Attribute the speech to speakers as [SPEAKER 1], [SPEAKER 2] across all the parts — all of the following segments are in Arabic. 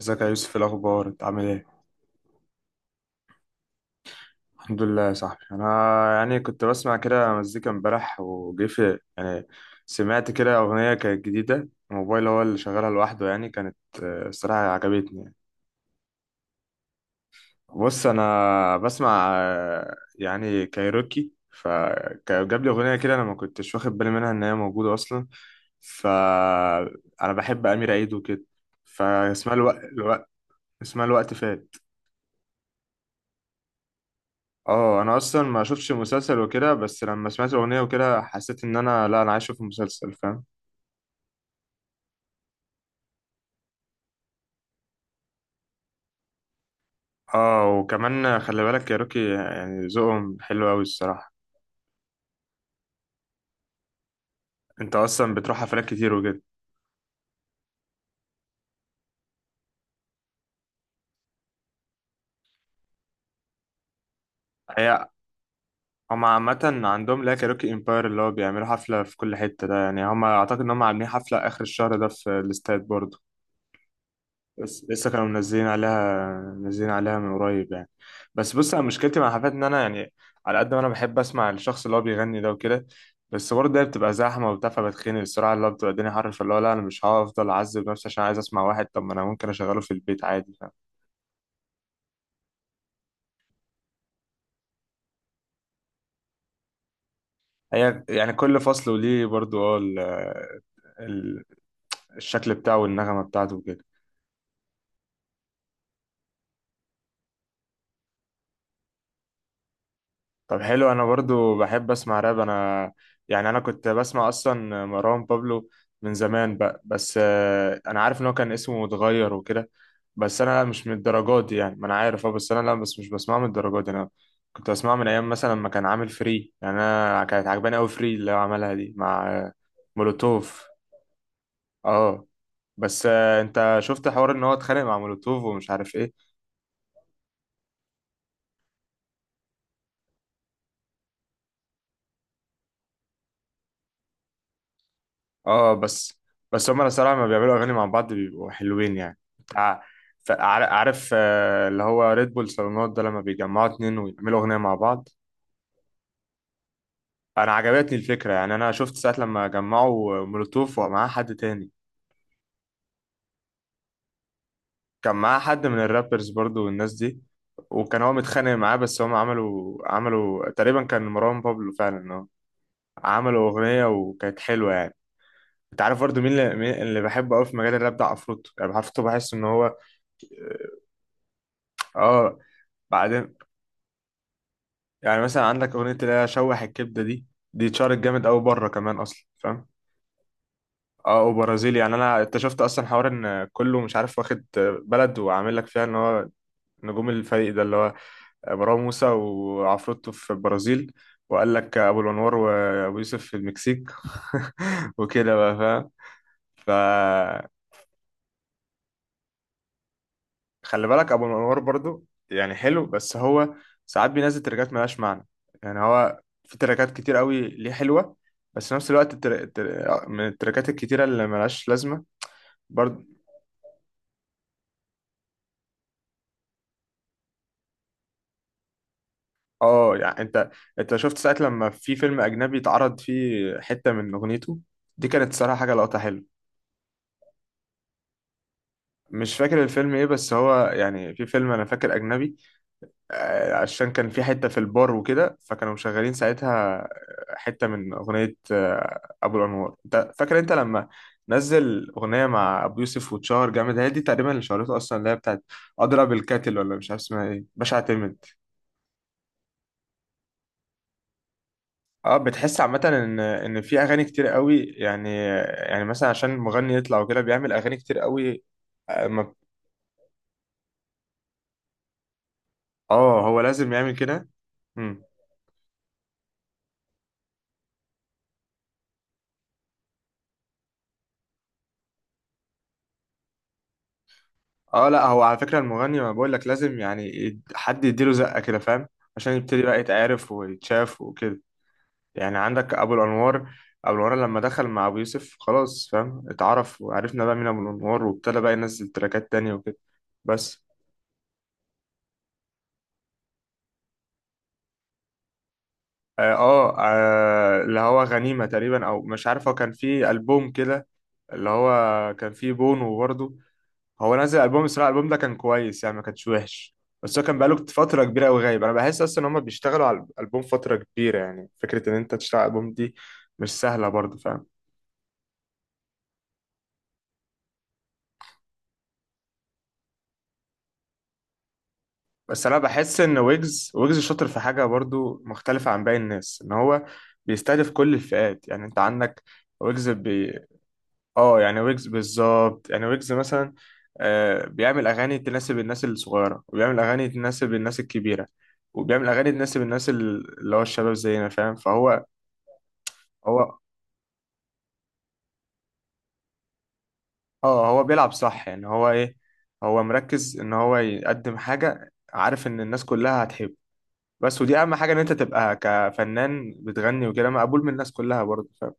[SPEAKER 1] ازيك يا يوسف؟ إيه الاخبار؟ انت عامل ايه؟ الحمد لله يا صاحبي. انا يعني كنت بسمع كده مزيكا امبارح، وجه في يعني، سمعت كده اغنيه كانت جديده، الموبايل هو اللي شغالها لوحده يعني كانت. آه، الصراحه عجبتني يعني. بص انا بسمع يعني كايروكي، فجاب لي اغنيه كده انا ما كنتش واخد بالي منها ان هي موجوده اصلا، فانا بحب امير عيد وكده. فاسمها الوقت، اسمها الوقت فات. اه، انا اصلا ما شفتش المسلسل وكده، بس لما سمعت الاغنيه وكده حسيت ان انا، لا انا عايش في المسلسل، فاهم. اه، وكمان خلي بالك يا روكي، يعني ذوقهم حلو قوي الصراحه. انت اصلا بتروح حفلات كتير وكده؟ هي، هم عامه عندهم لا كاروكي امباير اللي هو بيعملوا حفله في كل حته ده يعني، هم اعتقد ان هم عاملين حفله اخر الشهر ده في الاستاد برضه. بس لسه كانوا منزلين عليها من قريب يعني. بس بص، انا مشكلتي مع حفلات ان انا يعني، على قد ما انا بحب اسمع الشخص اللي هو بيغني ده وكده، بس برضه هي بتبقى زحمه وبتاع، فبتخنق الصراحه، اللي هو بتبقى الدنيا حر، فاللي هو لا، انا مش هفضل اعذب نفسي عشان عايز اسمع واحد، طب ما انا ممكن اشغله في البيت عادي، فاهم. هي يعني كل فصل وليه برضه. ال- الشكل بتاعه والنغمه بتاعته وكده. طب حلو، انا برضو بحب اسمع راب انا، يعني انا كنت بسمع اصلا مروان بابلو من زمان بقى، بس انا عارف ان هو كان اسمه متغير وكده. بس انا مش من الدرجات دي يعني، ما انا عارف اه، بس انا لا، بس مش بسمعه من الدرجات دي انا، كنت بسمعه من ايام مثلا ما كان عامل فري، يعني انا كانت عجباني قوي فري اللي هو عملها دي مع مولوتوف. اه، بس انت شفت حوار ان هو اتخانق مع مولوتوف ومش عارف ايه؟ اه بس. بس هما الصراحة لما بيعملوا أغاني مع بعض بيبقوا حلوين يعني. تع- عارف اللي هو ريد بول صالونات ده، لما بيجمعوا اتنين ويعملوا أغنية مع بعض. أنا عجبتني الفكرة، يعني أنا شفت ساعة لما جمعوا مولوتوف ومعاه حد تاني، كان معاه حد من الرابرز برضو والناس دي، وكان هو متخانق معاه، بس هم عملوا تقريبا، كان مروان بابلو فعلا، اه، عملوا أغنية وكانت حلوة يعني. انت عارف برضو مين اللي, مين اللي بحبه قوي في مجال الراب ده؟ عفروتو، يعني عفروتو بحس ان هو، اه آه، بعدين، يعني مثلا عندك اغنيه اللي هي شوح الكبده دي، دي اتشهرت جامد قوي بره كمان اصلا، فاهم. اه وبرازيلي، يعني انا اكتشفت اصلا حوار ان كله مش عارف واخد بلد وعامل لك فيها، ان هو نجوم الفريق ده اللي هو مروان موسى وعفروتو في البرازيل، وقال لك ابو الانوار وابو يوسف في المكسيك. وكده بقى، فاهم. خلي بالك ابو الانوار برضو يعني حلو، بس هو ساعات بينزل تراكات ملهاش معنى. يعني هو في تراكات كتير قوي ليه حلوه، بس في نفس الوقت من التراكات الكتيره اللي ملهاش لازمه برضو. اه يعني، انت شفت ساعه لما في فيلم اجنبي اتعرض فيه حته من اغنيته؟ دي كانت صراحه حاجه لقطه حلوه. مش فاكر الفيلم ايه، بس هو يعني في فيلم انا فاكر اجنبي، عشان كان في حتة في البار وكده، فكانوا مشغلين ساعتها حتة من أغنية، أبو الأنوار. أنت فاكر أنت لما نزل أغنية مع أبو يوسف واتشهر جامد؟ هي دي تقريبا اللي شهرته أصلا، اللي هي بتاعت أضرب الكاتل، ولا مش عارف اسمها إيه، باشا اعتمد. أه، بتحس عامة إن في أغاني كتير قوي يعني، يعني مثلا عشان مغني يطلع وكده بيعمل أغاني كتير قوي، آه ما- هو لازم يعمل كده. اه لا، هو على فكرة المغني، ما بقول لك لازم يعني حد يديله زقة كده، فاهم، عشان يبتدي بقى يتعرف ويتشاف وكده. يعني عندك ابو الانوار، ابو الانوار لما دخل مع ابو يوسف خلاص، فاهم، اتعرف وعرفنا بقى مين ابو الانوار، وابتدى بقى ينزل تراكات تانية وكده. بس اللي هو غنيمة تقريبا، او مش عارف، هو كان فيه ألبوم كده اللي هو كان فيه بونو برضه. هو نزل البوم، الصراحه الالبوم ده كان كويس يعني، ما كانش وحش، بس هو كان بقاله فتره كبيره قوي غايب. انا بحس اصلا ان هم بيشتغلوا على الالبوم فتره كبيره، يعني فكره ان انت تشتغل على الالبوم دي مش سهله برضه، فاهم. بس انا بحس ان ويجز شاطر في حاجه برضه مختلفه عن باقي الناس، ان هو بيستهدف كل الفئات. يعني انت عندك ويجز اه يعني ويجز بالظبط، يعني ويجز مثلا آه بيعمل اغاني تناسب الناس الصغيره، وبيعمل اغاني تناسب الناس الكبيره، وبيعمل اغاني تناسب الناس اللي هو الشباب زينا، فاهم. فهو هو اه هو بيلعب صح، يعني هو ايه، هو مركز ان هو يقدم حاجة عارف ان الناس كلها هتحبه، بس ودي اهم حاجة، ان انت تبقى كفنان بتغني وكده مقبول من الناس كلها برضه، فاهم.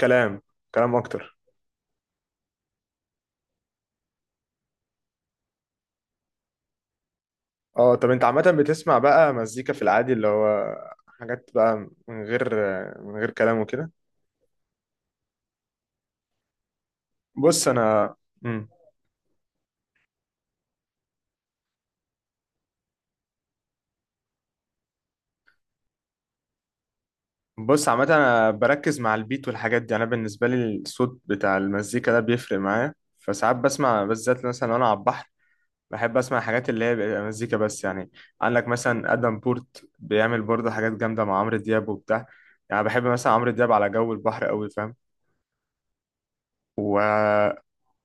[SPEAKER 1] كلام كلام اكتر. اه طب انت عامة بتسمع بقى مزيكا في العادي، اللي هو حاجات بقى من غير من غير كلام وكده؟ بص انا مم. بص عامة، انا بركز مع البيت والحاجات دي، انا بالنسبة لي الصوت بتاع المزيكا ده بيفرق معايا، فساعات بسمع، بالذات مثلا وانا على البحر، بحب اسمع حاجات اللي هي بيبقى مزيكا بس يعني. عندك مثلا ادم بورت بيعمل برضه حاجات جامده مع عمرو دياب وبتاع، يعني بحب مثلا عمرو دياب على جو البحر قوي، فاهم. و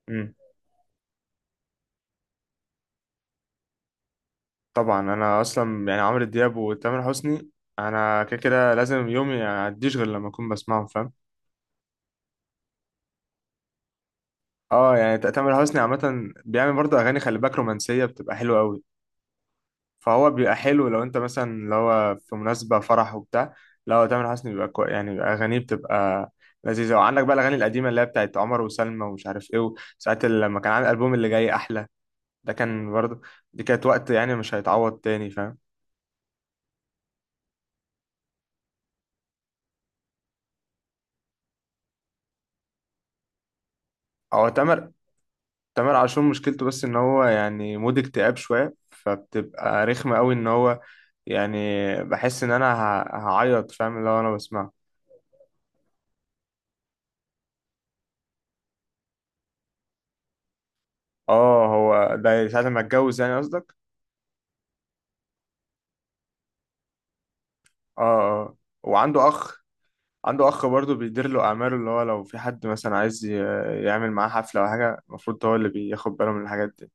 [SPEAKER 1] مم. طبعا انا اصلا يعني عمرو دياب وتامر حسني، انا كده كده لازم يومي ما يعديش غير لما اكون بسمعهم، فاهم. اه يعني تامر حسني عامه بيعمل برضه اغاني، خلي بالك، رومانسيه بتبقى حلوه قوي. فهو بيبقى حلو لو انت مثلا اللي هو في مناسبة فرح وبتاع، لو تامر حسني بيبقى كوي يعني، بيبقى أغانيه بتبقى لذيذة. وعندك بقى الأغاني القديمة اللي هي بتاعت عمر وسلمى ومش عارف ايه، وساعات لما كان عامل ألبوم اللي جاي أحلى، ده كان برضه، دي كانت وقت يعني مش هيتعوض تاني، فاهم. هو تامر تامر عاشور مشكلته بس إن هو يعني مود اكتئاب شوية، فبتبقى رخمة قوي إن هو يعني، بحس إن أنا هعيط، فاهم، لو أنا بسمعه. اه هو ده ساعة ما اتجوز يعني قصدك؟ اه، اه. وعنده أخ عنده اخ برضه بيدير له اعماله، اللي هو لو في حد مثلا عايز يعمل معاه حفله او حاجه، المفروض هو اللي بياخد باله من الحاجات دي.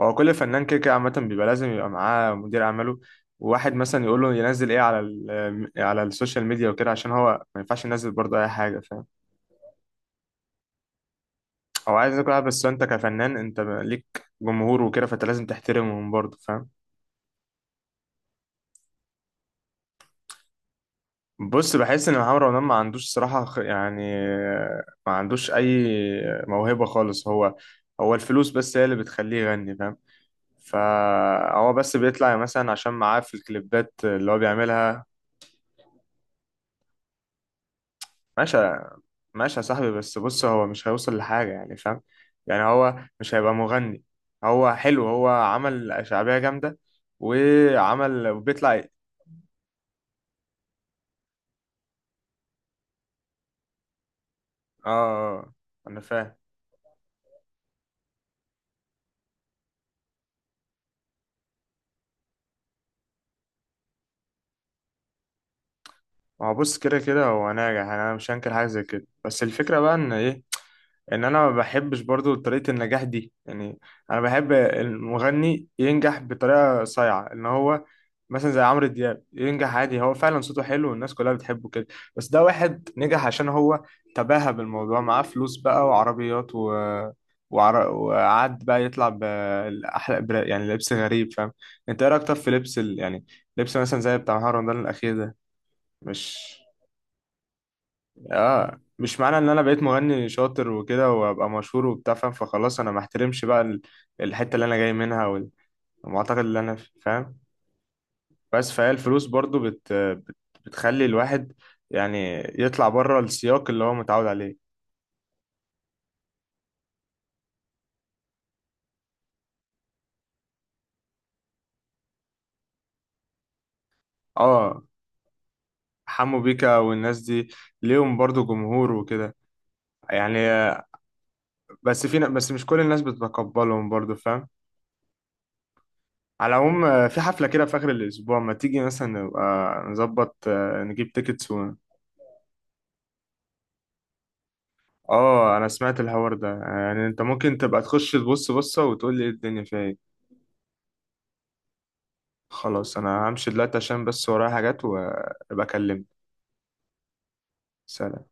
[SPEAKER 1] هو كل فنان كده كده عامه بيبقى لازم يبقى معاه مدير اعماله، وواحد مثلا يقول له ينزل ايه على على السوشيال ميديا وكده، عشان هو ما ينفعش ينزل برضه اي حاجه، فاهم. هو عايز يكون عارف، بس انت كفنان انت ليك جمهور وكده، فانت لازم تحترمهم برضه، فاهم. بص، بحس ان محمد رمضان ما عندوش صراحه يعني ما عندوش اي موهبه خالص. هو، الفلوس بس هي اللي بتخليه يغني، فاهم، فهو بس بيطلع مثلا عشان معاه في الكليبات اللي هو بيعملها. ماشي، ماشي يا صاحبي، بس بص هو مش هيوصل لحاجة يعني، فاهم، يعني هو مش هيبقى مغني. هو حلو، هو عمل شعبية جامدة وعمل وبيطلع، آه، آه، انا فاهم. ما هو بص، كده كده هو ناجح يعني، انا مش هنكر حاجة زي كده، بس الفكرة بقى ان ايه، ان انا ما بحبش برضو طريقة النجاح دي يعني. انا بحب المغني ينجح بطريقة صايعة، ان هو مثلا زي عمرو دياب ينجح عادي، هو فعلا صوته حلو والناس كلها بتحبه كده، بس ده واحد نجح عشان هو تباهى بالموضوع، معاه فلوس بقى وعربيات وقعد بقى يطلع بأحلى يعني لبس غريب، فاهم. انت ايه رأيك طب في لبس يعني لبس مثلا زي بتاع مهرجان رمضان الأخير ده؟ مش، اه، مش معنى ان انا بقيت مغني شاطر وكده وابقى مشهور وبتاع، فاهم، فخلاص انا ما احترمش بقى الحته اللي انا جاي منها والمعتقد اللي انا فيه، فاهم. بس فهي الفلوس برضو بتخلي الواحد يعني يطلع بره السياق اللي هو متعود عليه. اه، حمو بيكا والناس دي ليهم برضو جمهور وكده، يعني بس في ن- بس مش كل الناس بتتقبلهم برضو، فاهم. على العموم في حفلة كده في آخر الأسبوع، ما تيجي مثلا نبقى نظبط نجيب تيكتس. اه انا سمعت الحوار ده يعني، انت ممكن تبقى تخش تبص بصة وتقول لي ايه الدنيا فيها ايه. خلاص انا همشي دلوقتي عشان بس ورايا حاجات، وابقى اكلمك. سلام.